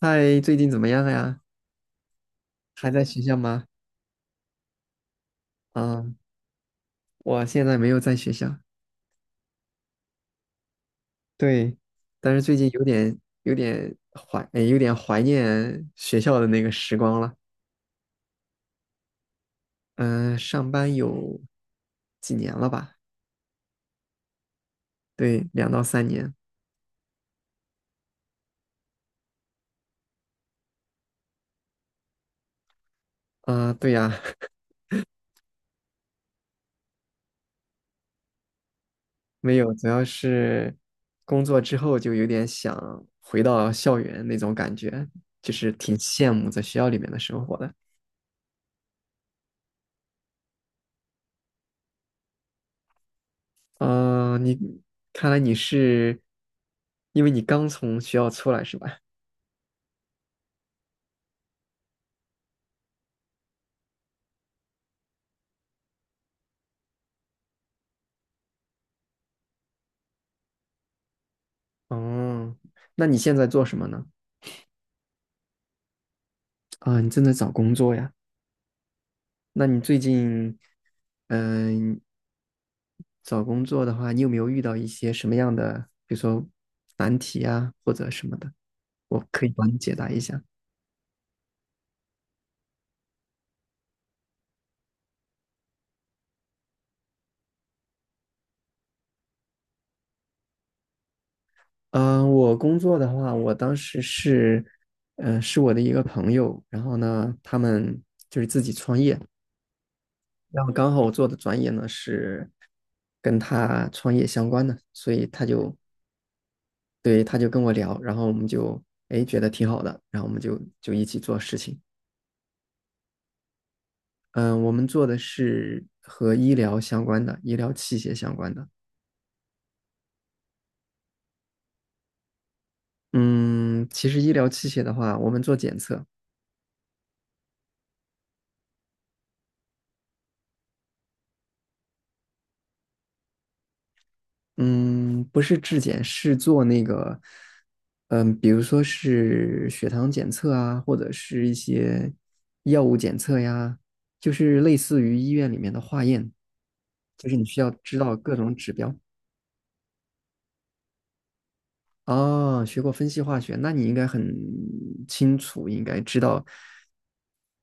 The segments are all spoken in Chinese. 嗨，最近怎么样呀？还在学校吗？啊，我现在没有在学校。对，但是最近有点怀念学校的那个时光了。嗯，上班有几年了吧？对，2到3年。啊，对呀，没有，主要是工作之后就有点想回到校园那种感觉，就是挺羡慕在学校里面的生活的。啊，看来你是，因为你刚从学校出来是吧？哦，那你现在做什么呢？啊，你正在找工作呀？那你最近，嗯、找工作的话，你有没有遇到一些什么样的，比如说难题啊，或者什么的？我可以帮你解答一下。我工作的话，我当时是，是我的一个朋友，然后呢，他们就是自己创业，然后刚好我做的专业呢是跟他创业相关的，所以对，他就跟我聊，然后我们就哎觉得挺好的，然后我们就一起做事情。嗯，我们做的是和医疗相关的，医疗器械相关的。嗯，其实医疗器械的话，我们做检测，嗯，不是质检，是做那个，比如说是血糖检测啊，或者是一些药物检测呀，就是类似于医院里面的化验，就是你需要知道各种指标。哦，学过分析化学，那你应该很清楚，应该知道，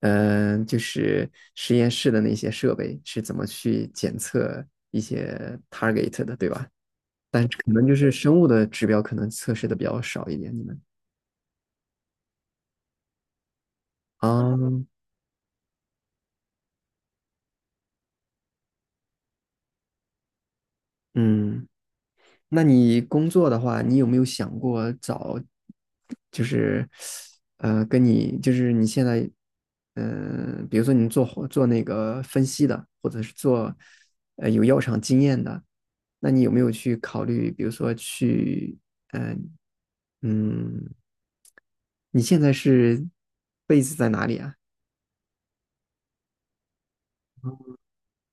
嗯，就是实验室的那些设备是怎么去检测一些 target 的，对吧？但可能就是生物的指标可能测试的比较少一点。你们啊，嗯，那你工作的话，你有没有想过找，就是跟你就是你现在，比如说你做那个分析的，或者是做有药厂经验的，那你有没有去考虑，比如说去，嗯、嗯，你现在是 BA 在哪里啊？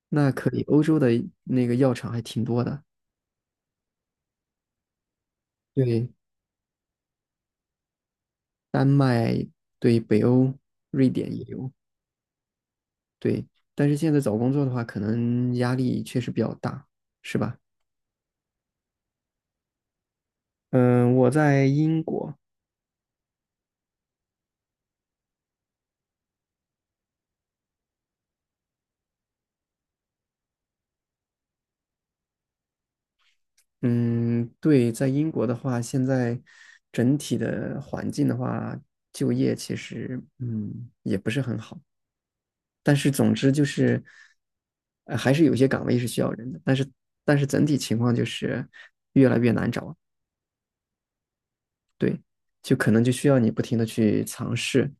那可以，欧洲的那个药厂还挺多的。对，丹麦，对，北欧，瑞典也有，对。但是现在找工作的话，可能压力确实比较大，是吧？嗯，我在英国，嗯，对，在英国的话，现在整体的环境的话，就业其实也不是很好。但是总之就是，还是有些岗位是需要人的，但是整体情况就是越来越难找，对，就可能就需要你不停的去尝试。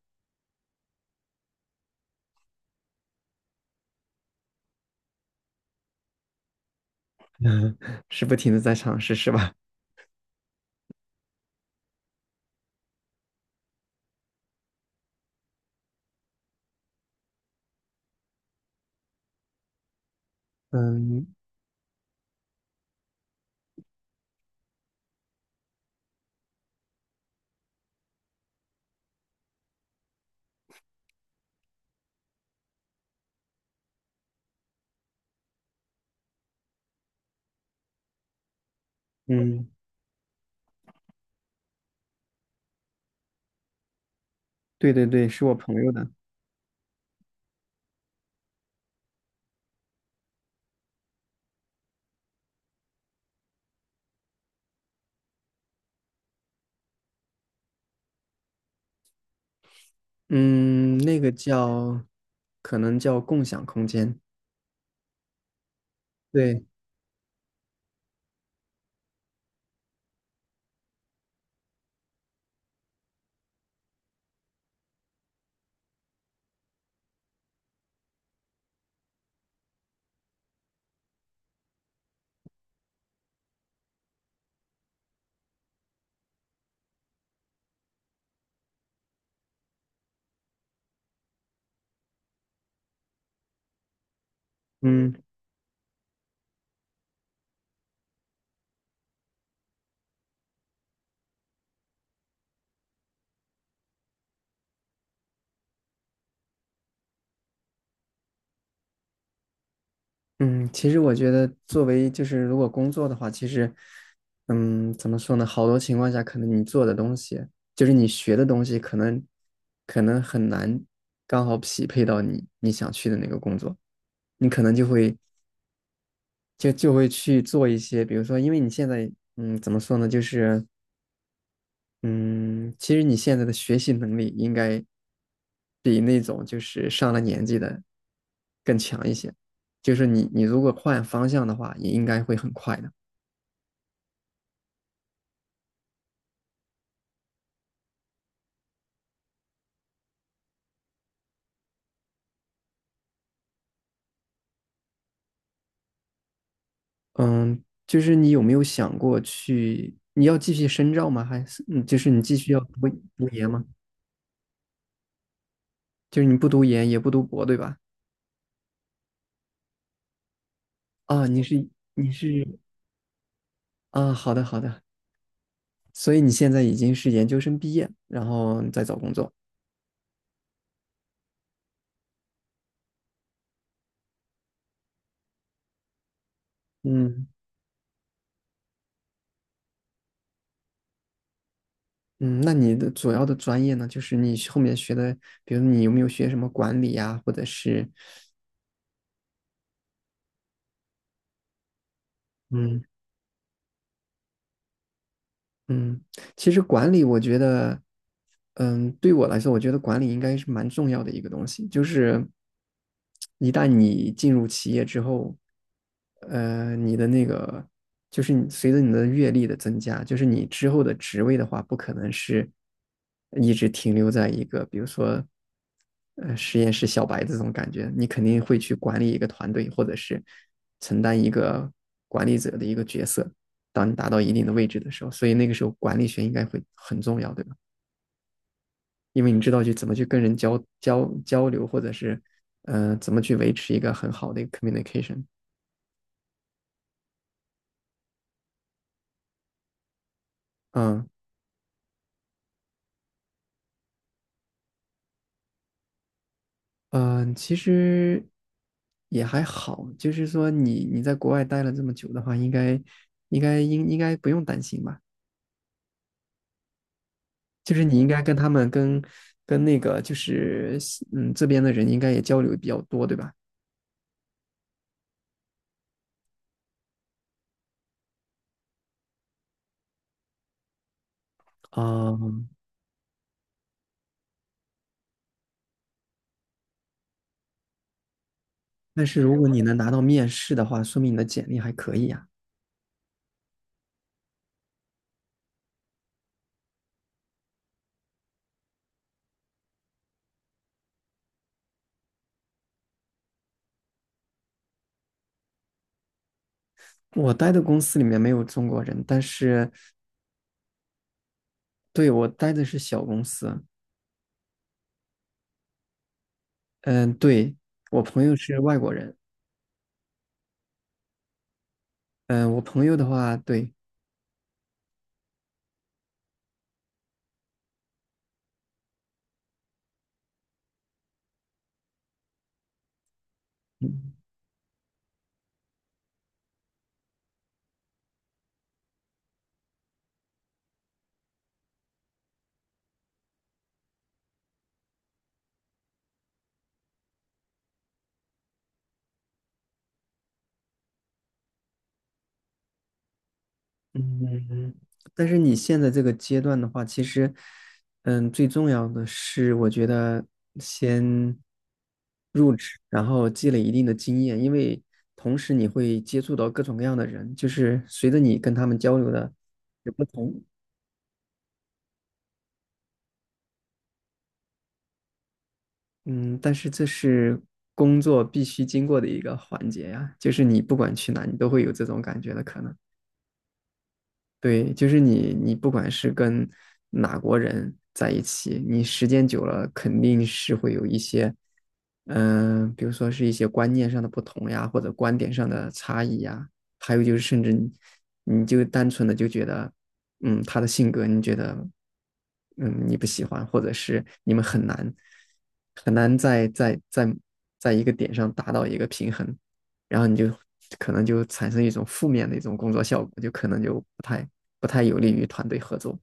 嗯，是不停的在尝试，是吧？嗯嗯，对对对，是我朋友的。嗯，那个叫，可能叫共享空间。对，嗯嗯，其实我觉得作为就是如果工作的话，其实，怎么说呢？好多情况下，可能你做的东西，就是你学的东西，可能很难刚好匹配到你想去的那个工作。你可能就会去做一些，比如说，因为你现在怎么说呢，就是嗯，其实你现在的学习能力应该比那种就是上了年纪的更强一些。就是你如果换方向的话，也应该会很快的。嗯，就是你有没有想过去？你要继续深造吗？还是就是你继续要读研吗？就是你不读研也不读博，对吧？啊，你是你是啊，好的好的。所以你现在已经是研究生毕业，然后再找工作。嗯。嗯，那你的主要的专业呢，就是你后面学的，比如你有没有学什么管理呀，或者是嗯嗯，其实管理，我觉得，对我来说，我觉得管理应该是蛮重要的一个东西。就是一旦你进入企业之后，你的那个，就是你随着你的阅历的增加，就是你之后的职位的话，不可能是一直停留在一个，比如说，实验室小白这种感觉，你肯定会去管理一个团队，或者是承担一个管理者的一个角色。当你达到一定的位置的时候，所以那个时候管理学应该会很重要，对吧？因为你知道去怎么去跟人交流，或者是怎么去维持一个很好的一个 communication。嗯嗯、其实也还好，就是说你你在国外待了这么久的话，应该不用担心吧？就是你应该跟他们跟跟那个就是嗯这边的人应该也交流比较多，对吧？啊、但是如果你能拿到面试的话，说明你的简历还可以啊。我待的公司里面没有中国人，但是对，我待的是小公司。嗯，对，我朋友是外国人。嗯，我朋友的话，对，嗯嗯，但是你现在这个阶段的话，其实，最重要的是，我觉得先入职，然后积累一定的经验，因为同时你会接触到各种各样的人，就是随着你跟他们交流的有不同，嗯，但是这是工作必须经过的一个环节呀，就是你不管去哪，你都会有这种感觉的可能。对，就是你不管是跟哪国人在一起，你时间久了肯定是会有一些，比如说是一些观念上的不同呀，或者观点上的差异呀，还有就是甚至你，就单纯的就觉得，他的性格你觉得，嗯，你不喜欢，或者是你们很难很难在一个点上达到一个平衡。然后你就可能就产生一种负面的一种工作效果，就可能就不太有利于团队合作。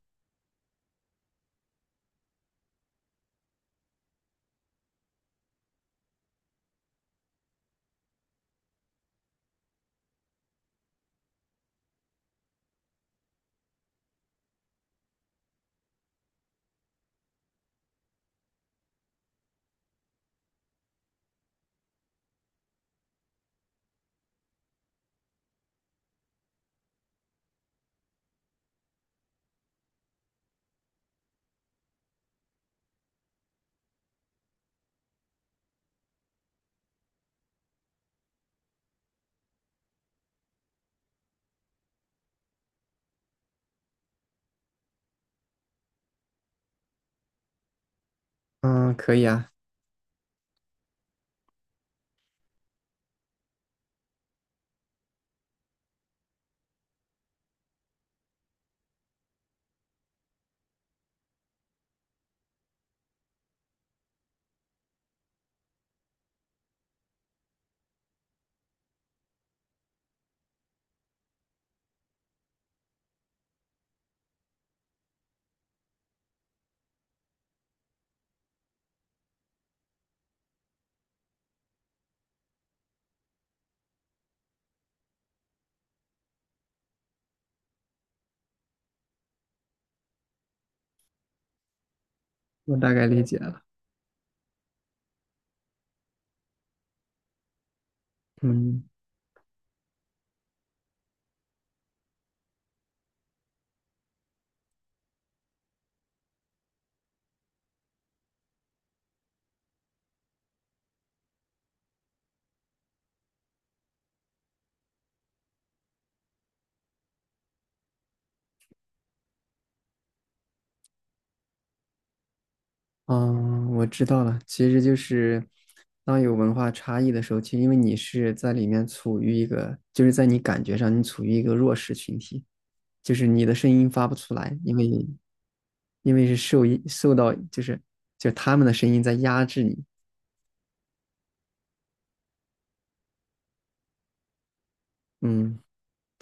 嗯，可以啊，我大概理解了。嗯，哦，我知道了，其实就是当有文化差异的时候，其实因为你是在里面处于一个，就是在你感觉上你处于一个弱势群体，就是你的声音发不出来，因为是受到就他们的声音在压制你。嗯。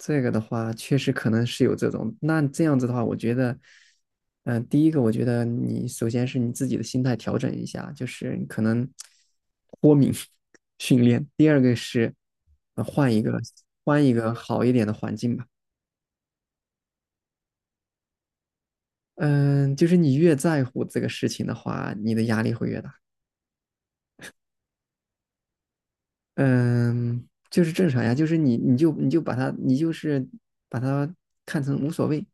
这个的话，确实可能是有这种。那这样子的话，我觉得，第一个，我觉得你首先是你自己的心态调整一下，就是你可能脱敏 训练。第二个是，换一个好一点的环境吧。嗯，就是你越在乎这个事情的话，你的压力会越大。嗯，就是正常呀，就是你就把它看成无所谓，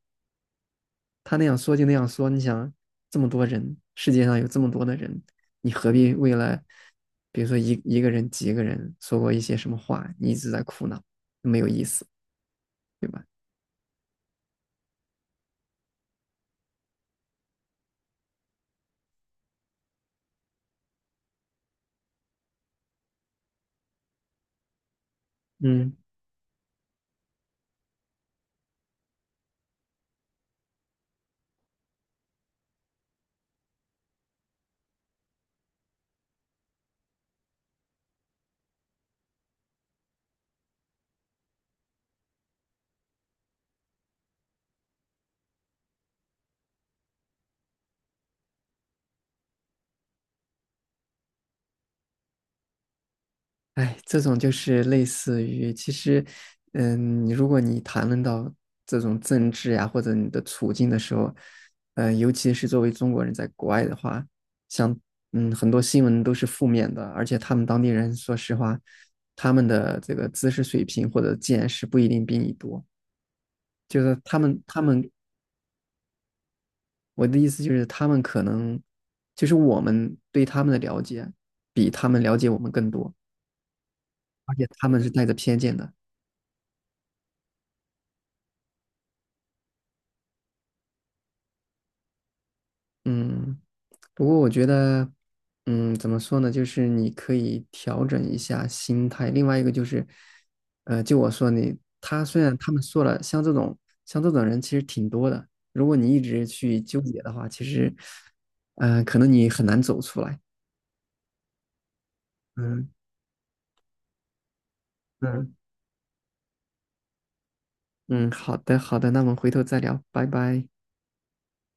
他那样说就那样说，你想这么多人，世界上有这么多的人，你何必为了，比如说一个人、几个人说过一些什么话，你一直在苦恼，没有意思，对吧？嗯。哎，这种就是类似于，其实，你如果谈论到这种政治呀、或者你的处境的时候，尤其是作为中国人在国外的话，像很多新闻都是负面的，而且他们当地人说实话，他们的这个知识水平或者见识不一定比你多，就是他们他们我的意思就是他们可能就是我们对他们的了解比他们了解我们更多，而且他们是带着偏见的，嗯。不过我觉得，怎么说呢？就是你可以调整一下心态。另外一个就是，就我说你，虽然他们说了，像这种人其实挺多的。如果你一直去纠结的话，其实，可能你很难走出来。嗯嗯嗯，好的好的，那我们回头再聊，拜拜。